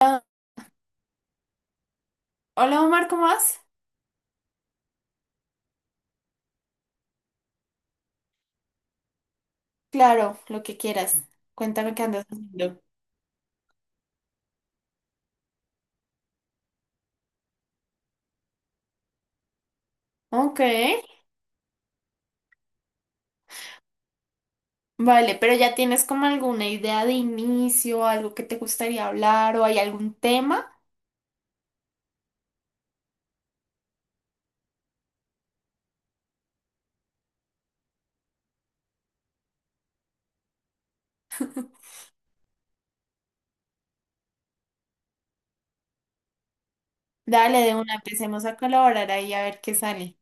Ah, hola Omar, ¿cómo vas? Claro, lo que quieras. Cuéntame qué andas haciendo. Ok, vale, pero ya tienes como alguna idea de inicio, algo que te gustaría hablar o hay algún tema. Dale, de una, empecemos a colaborar ahí a ver qué sale.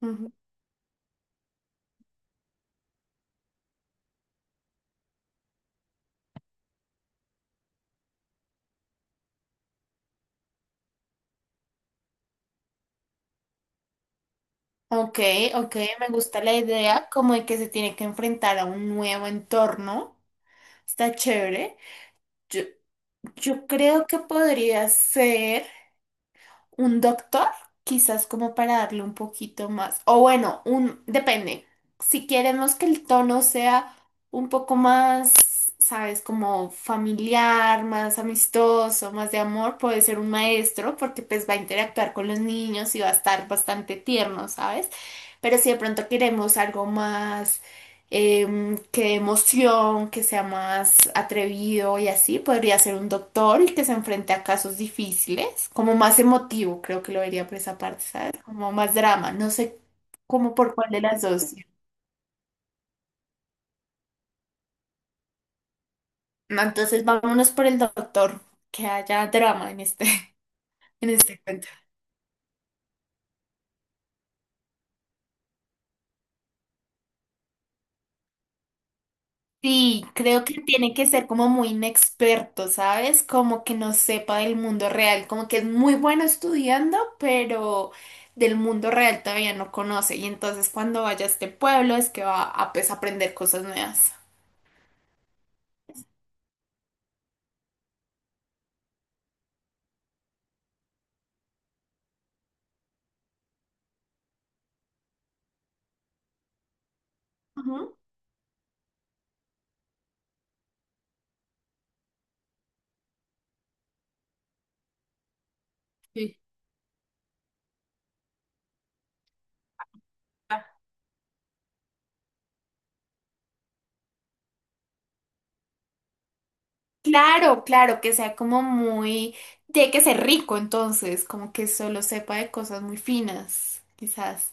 Ujú. Ok, ok, me gusta la idea como de que se tiene que enfrentar a un nuevo entorno. Está chévere. Yo, yo creo que podría ser un doctor, quizás como para darle un poquito más. O bueno, un, depende. Si queremos que el tono sea un poco más, sabes, como familiar, más amistoso, más de amor, puede ser un maestro, porque pues va a interactuar con los niños y va a estar bastante tierno, ¿sabes? Pero si de pronto queremos algo más, que dé emoción, que sea más atrevido y así. Podría ser un doctor y que se enfrente a casos difíciles, como más emotivo, creo que lo vería por esa parte, ¿sabes? Como más drama, no sé cómo por cuál de las dos. No, entonces vámonos por el doctor, que haya drama en este, en este cuento. Sí, creo que tiene que ser como muy inexperto, ¿sabes? Como que no sepa del mundo real, como que es muy bueno estudiando, pero del mundo real todavía no conoce. Y entonces cuando vaya a este pueblo es que va a, pues, aprender cosas nuevas. Ujú. Sí. Claro, claro, que sea como muy... Tiene que ser rico entonces, como que solo sepa de cosas muy finas, quizás.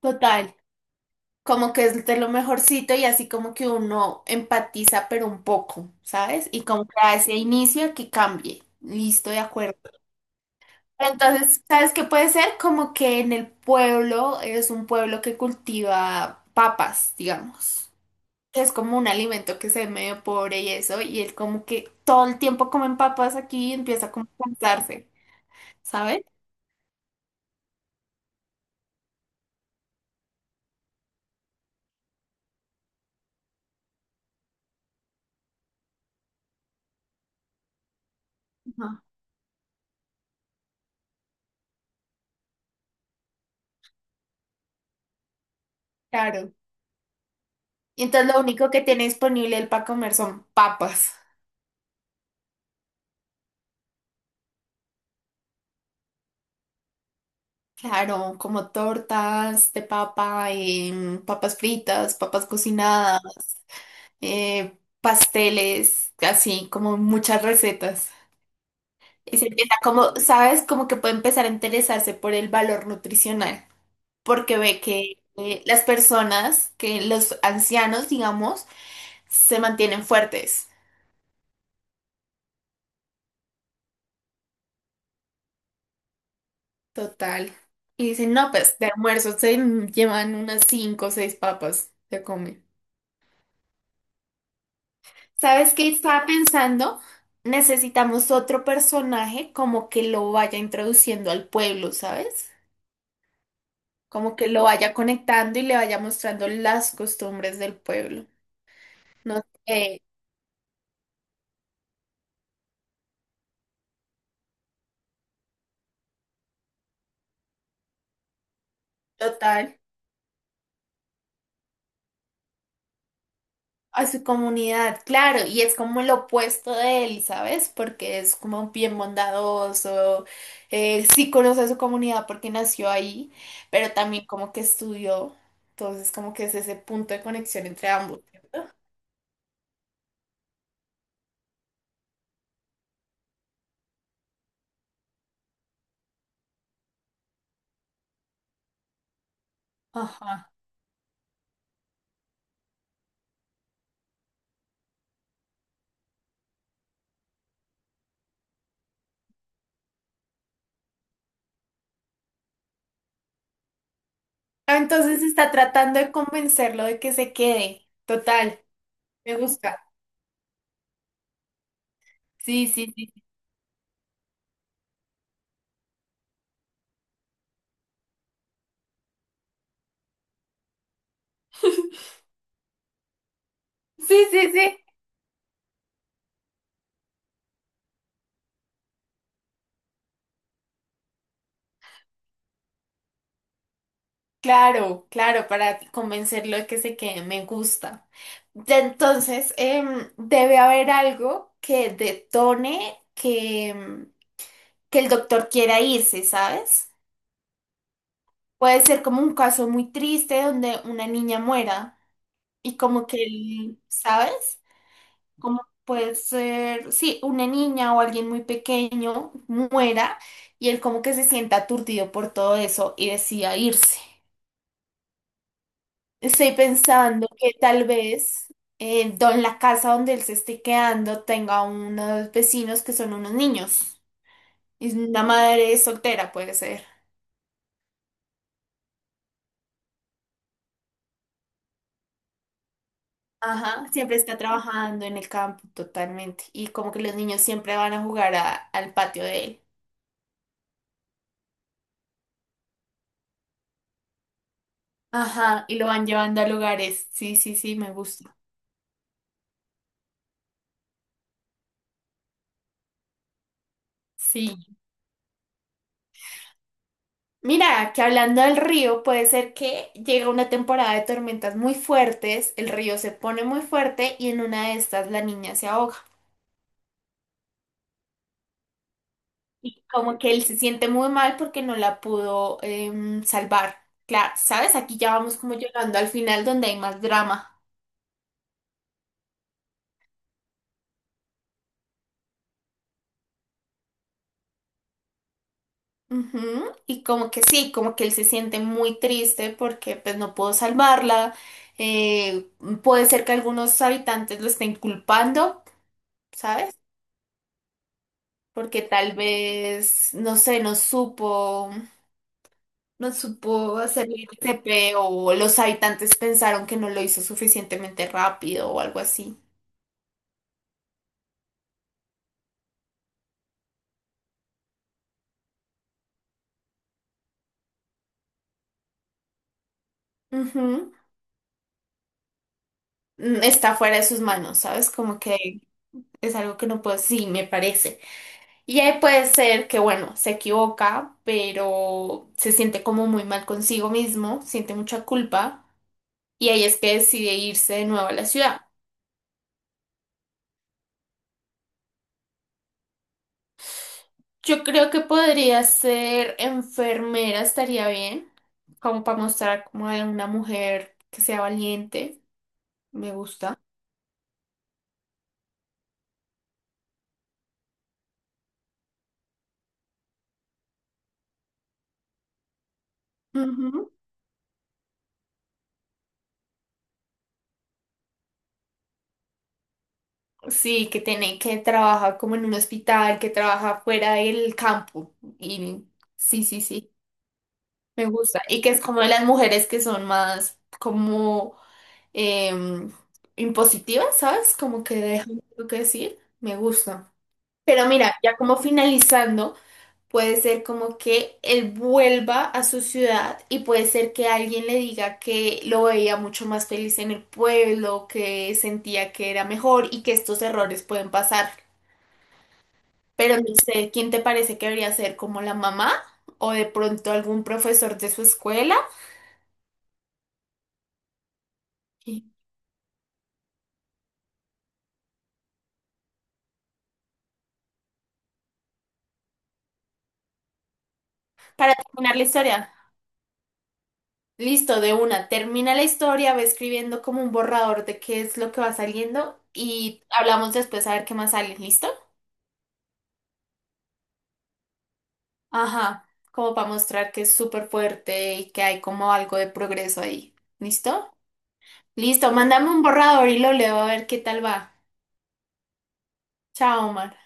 Total. Como que es de lo mejorcito y así como que uno empatiza, pero un poco, ¿sabes? Y como que a ese inicio que cambie. Listo, de acuerdo. Entonces, ¿sabes qué puede ser? Como que en el pueblo es un pueblo que cultiva papas, digamos. Que es como un alimento que se ve medio pobre y eso, y él como que todo el tiempo comen papas aquí y empieza como a compensarse, ¿sabes? Ajá. Claro. Y entonces lo único que tiene disponible él para comer son papas. Claro, como tortas de papa, papas fritas, papas cocinadas, pasteles, así como muchas recetas. Y se empieza como, ¿sabes? Como que puede empezar a interesarse por el valor nutricional, porque ve que las personas, que los ancianos, digamos, se mantienen fuertes. Total. Y dicen, no, pues de almuerzo se llevan unas cinco o seis papas, se comen. ¿Sabes qué estaba pensando? Necesitamos otro personaje como que lo vaya introduciendo al pueblo, ¿sabes? Como que lo vaya conectando y le vaya mostrando las costumbres del pueblo. No sé, total, a su comunidad, claro, y es como el opuesto de él, ¿sabes? Porque es como bien bondadoso, sí conoce a su comunidad porque nació ahí, pero también como que estudió, entonces como que es ese punto de conexión entre ambos. Ajá. Ah, entonces está tratando de convencerlo de que se quede. Total, me gusta. Sí, sí, sí. Sí, sí, sí. Claro, claro, para convencerlo de que se quede, me gusta. Ya entonces, debe haber algo que detone que, que el doctor quiera irse, ¿sabes? Puede ser como un caso muy triste donde una niña muera y como que él, ¿sabes? Como puede ser, sí, una niña o alguien muy pequeño muera y él como que se sienta aturdido por todo eso y decida irse. Estoy pensando que tal vez la casa donde él se esté quedando tenga unos vecinos que son unos niños. Y una madre soltera puede ser. Ajá, siempre está trabajando en el campo totalmente. Y como que los niños siempre van a jugar al patio de él. Ajá, y lo van llevando a lugares. Sí, sí, sí, me gusta. Sí. Mira, que hablando del río, puede ser que llega una temporada de tormentas muy fuertes, el río se pone muy fuerte y en una de estas la niña se ahoga. Y como que él se siente muy mal porque no la pudo, salvar. Claro, ¿sabes? Aquí ya vamos como llegando al final donde hay más drama. Ujú. Y como que sí, como que él se siente muy triste porque pues no pudo salvarla. Eh, puede ser que algunos habitantes lo estén culpando, ¿sabes? Porque tal vez, no sé, no supo hacer el TP o los habitantes pensaron que no lo hizo suficientemente rápido o algo así. Ujú. Mm, está fuera de sus manos, ¿sabes? Como que es algo que no puedo, sí, me parece. Y ahí puede ser que, bueno, se equivoca, pero se siente como muy mal consigo mismo, siente mucha culpa, y ahí es que decide irse de nuevo a la ciudad. Yo creo que podría ser enfermera, estaría bien, como para mostrar como de una mujer que sea valiente, me gusta. Ujú. Sí, que tiene que trabajar como en un hospital, que trabaja fuera del campo. Y sí, sí, sí, me gusta. Y que es como de las mujeres que son más como, em, impositivas, ¿sabes? Como que dejan lo que decir, me gusta. Pero mira, ya como finalizando. Puede ser como que él vuelva a su ciudad y puede ser que alguien le diga que lo veía mucho más feliz en el pueblo, que sentía que era mejor y que estos errores pueden pasar. Pero no sé, ¿quién te parece que debería ser como la mamá o de pronto algún profesor de su escuela? Y- para terminar la historia. Listo, de una. Termina la historia, va escribiendo como un borrador de qué es lo que va saliendo y hablamos después a ver qué más sale. ¿Listo? Ajá, como para mostrar que es súper fuerte y que hay como algo de progreso ahí. ¿Listo? Listo, mándame un borrador y lo leo a ver qué tal va. Chao, Omar.